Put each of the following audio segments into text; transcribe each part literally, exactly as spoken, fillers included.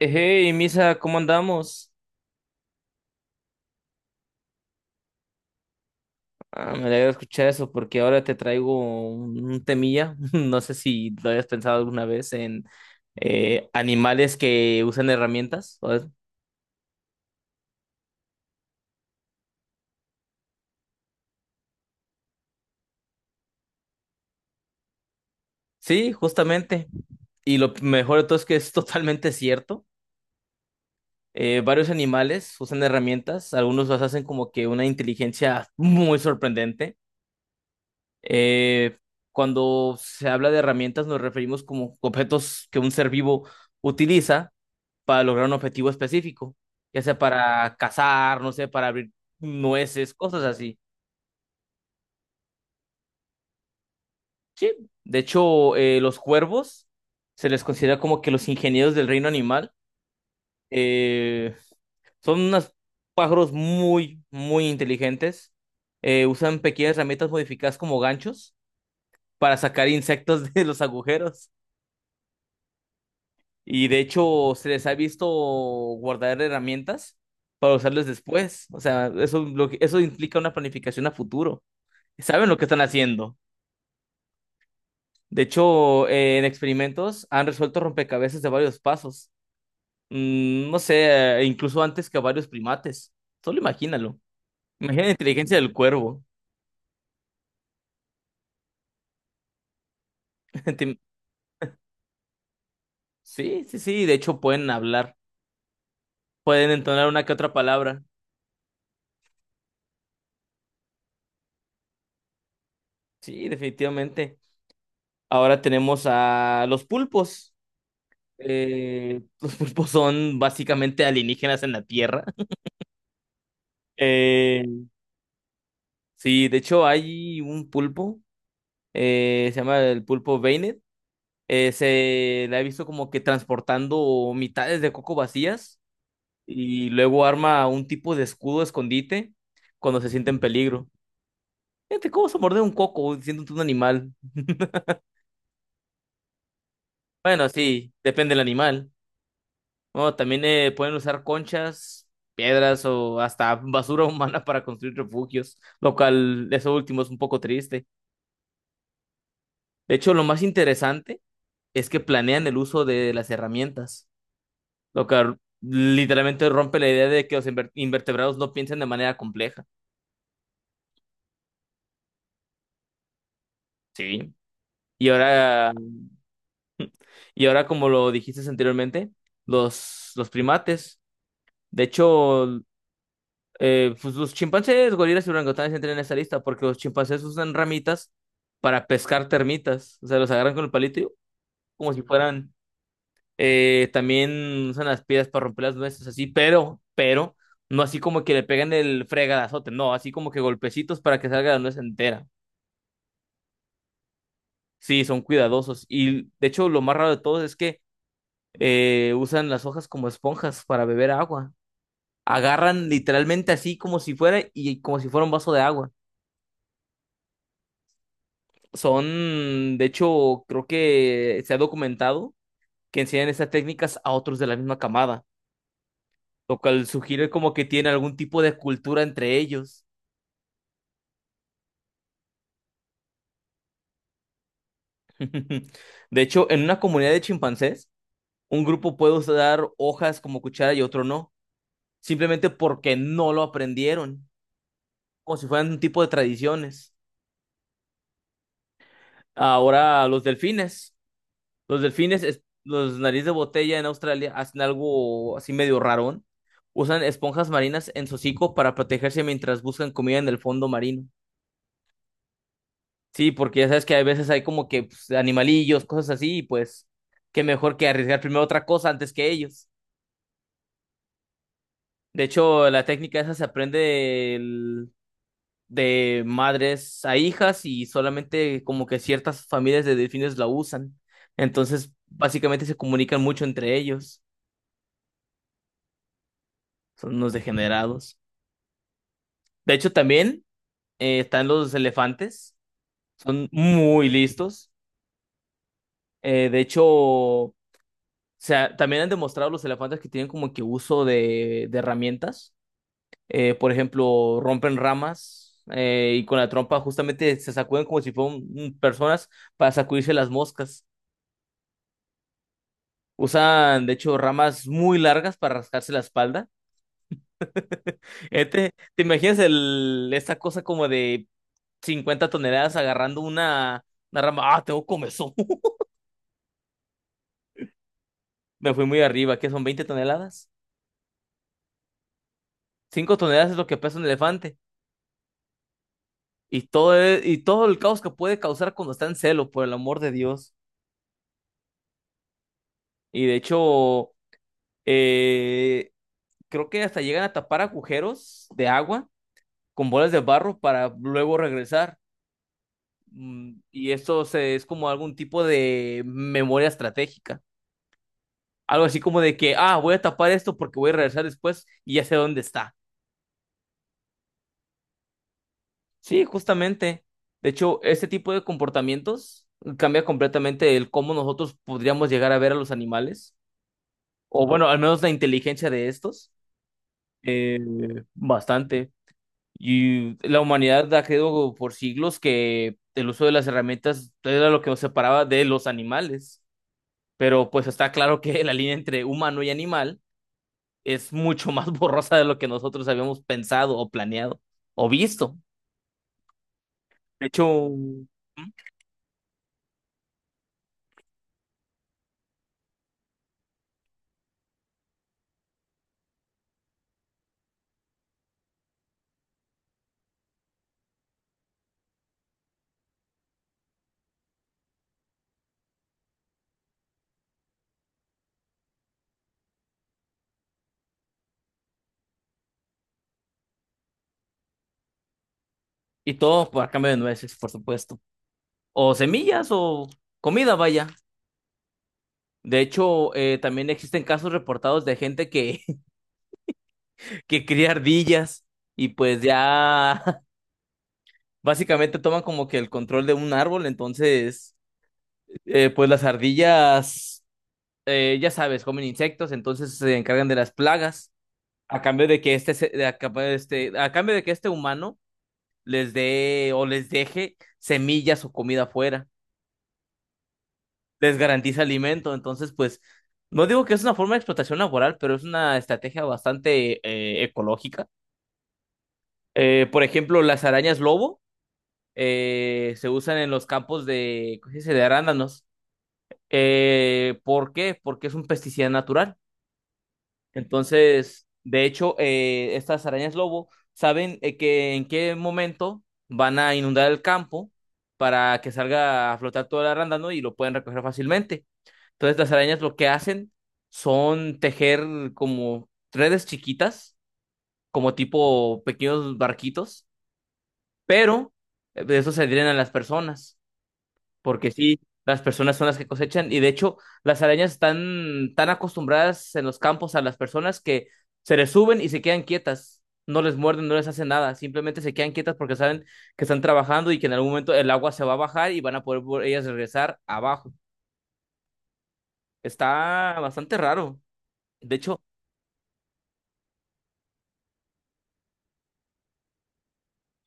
Hey, Misa, ¿cómo andamos? Ah, me alegra escuchar eso porque ahora te traigo un temilla. No sé si lo hayas pensado alguna vez en eh, animales que usan herramientas. o- Sí, justamente. Y lo mejor de todo es que es totalmente cierto. Eh, varios animales usan herramientas. Algunos las hacen como que una inteligencia muy sorprendente. Eh, Cuando se habla de herramientas nos referimos como objetos que un ser vivo utiliza para lograr un objetivo específico, ya sea para cazar, no sé, para abrir nueces, cosas así. Sí, de hecho, eh, los cuervos se les considera como que los ingenieros del reino animal. Eh, Son unos pájaros muy, muy inteligentes. Eh, usan pequeñas herramientas modificadas como ganchos para sacar insectos de los agujeros. Y de hecho, se les ha visto guardar herramientas para usarles después. O sea, eso, lo que- eso implica una planificación a futuro. Saben lo que están haciendo. De hecho, eh, en experimentos han resuelto rompecabezas de varios pasos. Mm, no sé, eh, incluso antes que varios primates. Solo imagínalo. Imagina la inteligencia del cuervo. Te- Sí, sí, sí. De hecho, pueden hablar. Pueden entonar una que otra palabra. Sí, definitivamente. Ahora tenemos a los pulpos. Eh, los pulpos son básicamente alienígenas en la Tierra. Eh, sí, de hecho, hay un pulpo. Eh, se llama el pulpo Beinet. Eh, se la he visto como que transportando mitades de coco vacías y luego arma un tipo de escudo escondite cuando se siente en peligro. Fíjate, ¿cómo se morder un coco siendo tú un animal? Bueno, sí, depende del animal. Bueno, también eh, pueden usar conchas, piedras o hasta basura humana para construir refugios, lo cual eso último es un poco triste. De hecho, lo más interesante es que planean el uso de las herramientas. Lo que literalmente rompe la idea de que los inver- invertebrados no piensan de manera compleja. Sí. Y ahora, y ahora como lo dijiste anteriormente, los, los primates, de hecho, eh, pues los chimpancés, gorilas y orangutanes entran en esta lista porque los chimpancés usan ramitas para pescar termitas. O sea, los agarran con el palito y, uh, como si fueran, eh, también usan las piedras para romper las nueces, así, pero, pero, no así como que le pegan el fregadazote, no, así como que golpecitos para que salga la nuez entera. Sí, son cuidadosos. Y de hecho, lo más raro de todo es que eh, usan las hojas como esponjas para beber agua. Agarran literalmente así como si fuera y como si fuera un vaso de agua. Son, de hecho, creo que se ha documentado que enseñan estas técnicas a otros de la misma camada, lo cual sugiere como que tiene algún tipo de cultura entre ellos. De hecho, en una comunidad de chimpancés, un grupo puede usar hojas como cuchara y otro no, simplemente porque no lo aprendieron. Como si fueran un tipo de tradiciones. Ahora los delfines. Los delfines, es- los nariz de botella en Australia hacen algo así medio rarón. Usan esponjas marinas en su hocico para protegerse mientras buscan comida en el fondo marino. Sí, porque ya sabes que a veces hay como que pues, animalillos, cosas así, y pues qué mejor que arriesgar primero otra cosa antes que ellos. De hecho, la técnica esa se aprende de madres a hijas y solamente como que ciertas familias de delfines la usan. Entonces, básicamente se comunican mucho entre ellos. Son unos degenerados. De hecho, también eh, están los elefantes. Son muy listos. Eh, de hecho, o sea, también han demostrado los elefantes que tienen como que uso de, de herramientas. Eh, por ejemplo, rompen ramas eh, y con la trompa justamente se sacuden como si fueran mm, personas para sacudirse las moscas. Usan, de hecho, ramas muy largas para rascarse la espalda. Eh, ¿Te, te imaginas el, esa cosa como de cincuenta toneladas agarrando una, una rama? Ah, tengo comezón. Me fui muy arriba, ¿qué son veinte toneladas? Cinco toneladas es lo que pesa un elefante. Y todo, el- y todo el caos que puede causar cuando está en celo, por el amor de Dios. Y de hecho, eh, creo que hasta llegan a tapar agujeros de agua con bolas de barro para luego regresar. Mm, y esto se, es como algún tipo de memoria estratégica. Algo así como de que, ah, voy a tapar esto porque voy a regresar después y ya sé dónde está. Sí, justamente. De hecho, este tipo de comportamientos cambia completamente el cómo nosotros podríamos llegar a ver a los animales. O bueno, al menos la inteligencia de estos. Eh, Bastante. Y la humanidad ha creído por siglos que el uso de las herramientas era lo que nos separaba de los animales, pero pues está claro que la línea entre humano y animal es mucho más borrosa de lo que nosotros habíamos pensado o planeado o visto. De hecho, y todo por a cambio de nueces, por supuesto. O semillas o comida, vaya. De hecho, eh, también existen casos reportados de gente que, que cría ardillas y pues ya básicamente toman como que el control de un árbol. Entonces, eh, pues las ardillas, eh, ya sabes, comen insectos, entonces se encargan de las plagas. A cambio de que este, se- de a cambio de este, a cambio de que este humano les dé o les deje semillas o comida afuera, les garantiza alimento. Entonces, pues, no digo que es una forma de explotación laboral, pero es una estrategia bastante eh, ecológica. Eh, por ejemplo, las arañas lobo eh, se usan en los campos de, ¿cómo se dice? De arándanos. Eh, ¿por qué? Porque es un pesticida natural. Entonces, de hecho, eh, estas arañas lobo saben eh, que en qué momento van a inundar el campo para que salga a flotar todo el arándano y lo pueden recoger fácilmente. Entonces, las arañas lo que hacen son tejer como redes chiquitas, como tipo pequeños barquitos, pero eh, de eso se adhieren a las personas porque sí, las personas son las que cosechan y de hecho las arañas están tan acostumbradas en los campos a las personas que se les suben y se quedan quietas, no les muerden, no les hacen nada, simplemente se quedan quietas porque saben que están trabajando y que en algún momento el agua se va a bajar y van a poder vol- ellas regresar abajo. Está bastante raro. De hecho,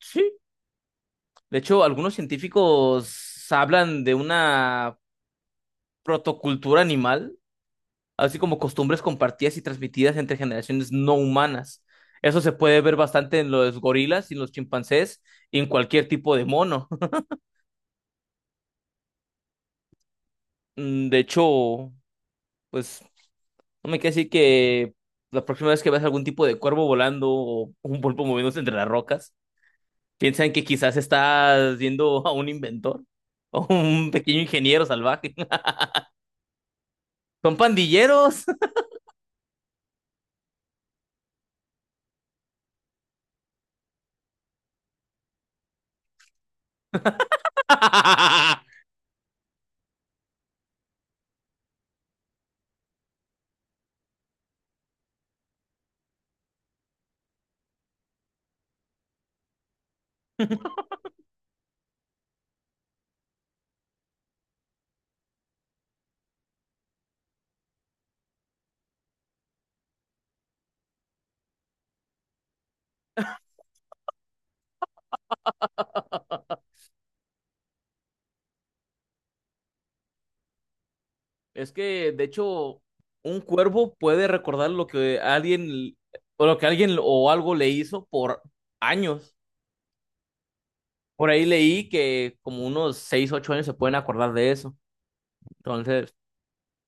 sí, de hecho algunos científicos hablan de una protocultura animal, así como costumbres compartidas y transmitidas entre generaciones no humanas. Eso se puede ver bastante en los gorilas y en los chimpancés y en cualquier tipo de mono. Mm, de hecho, pues no me queda decir que la próxima vez que veas algún tipo de cuervo volando o un pulpo moviéndose entre las rocas, piensa en que quizás estás viendo a un inventor o un pequeño ingeniero salvaje. Son pandilleros. Es que, de hecho, un cuervo puede recordar lo que alguien, o lo que alguien o algo le hizo por años. Por ahí leí que como unos seis, ocho años se pueden acordar de eso. Entonces,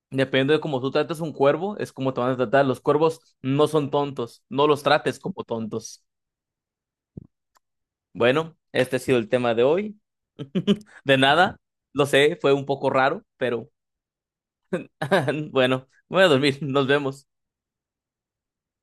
depende de cómo tú trates un cuervo, es como te van a tratar. Los cuervos no son tontos, no los trates como tontos. Bueno, este ha sido el tema de hoy. De nada, lo sé, fue un poco raro, pero bueno, voy a dormir, nos vemos.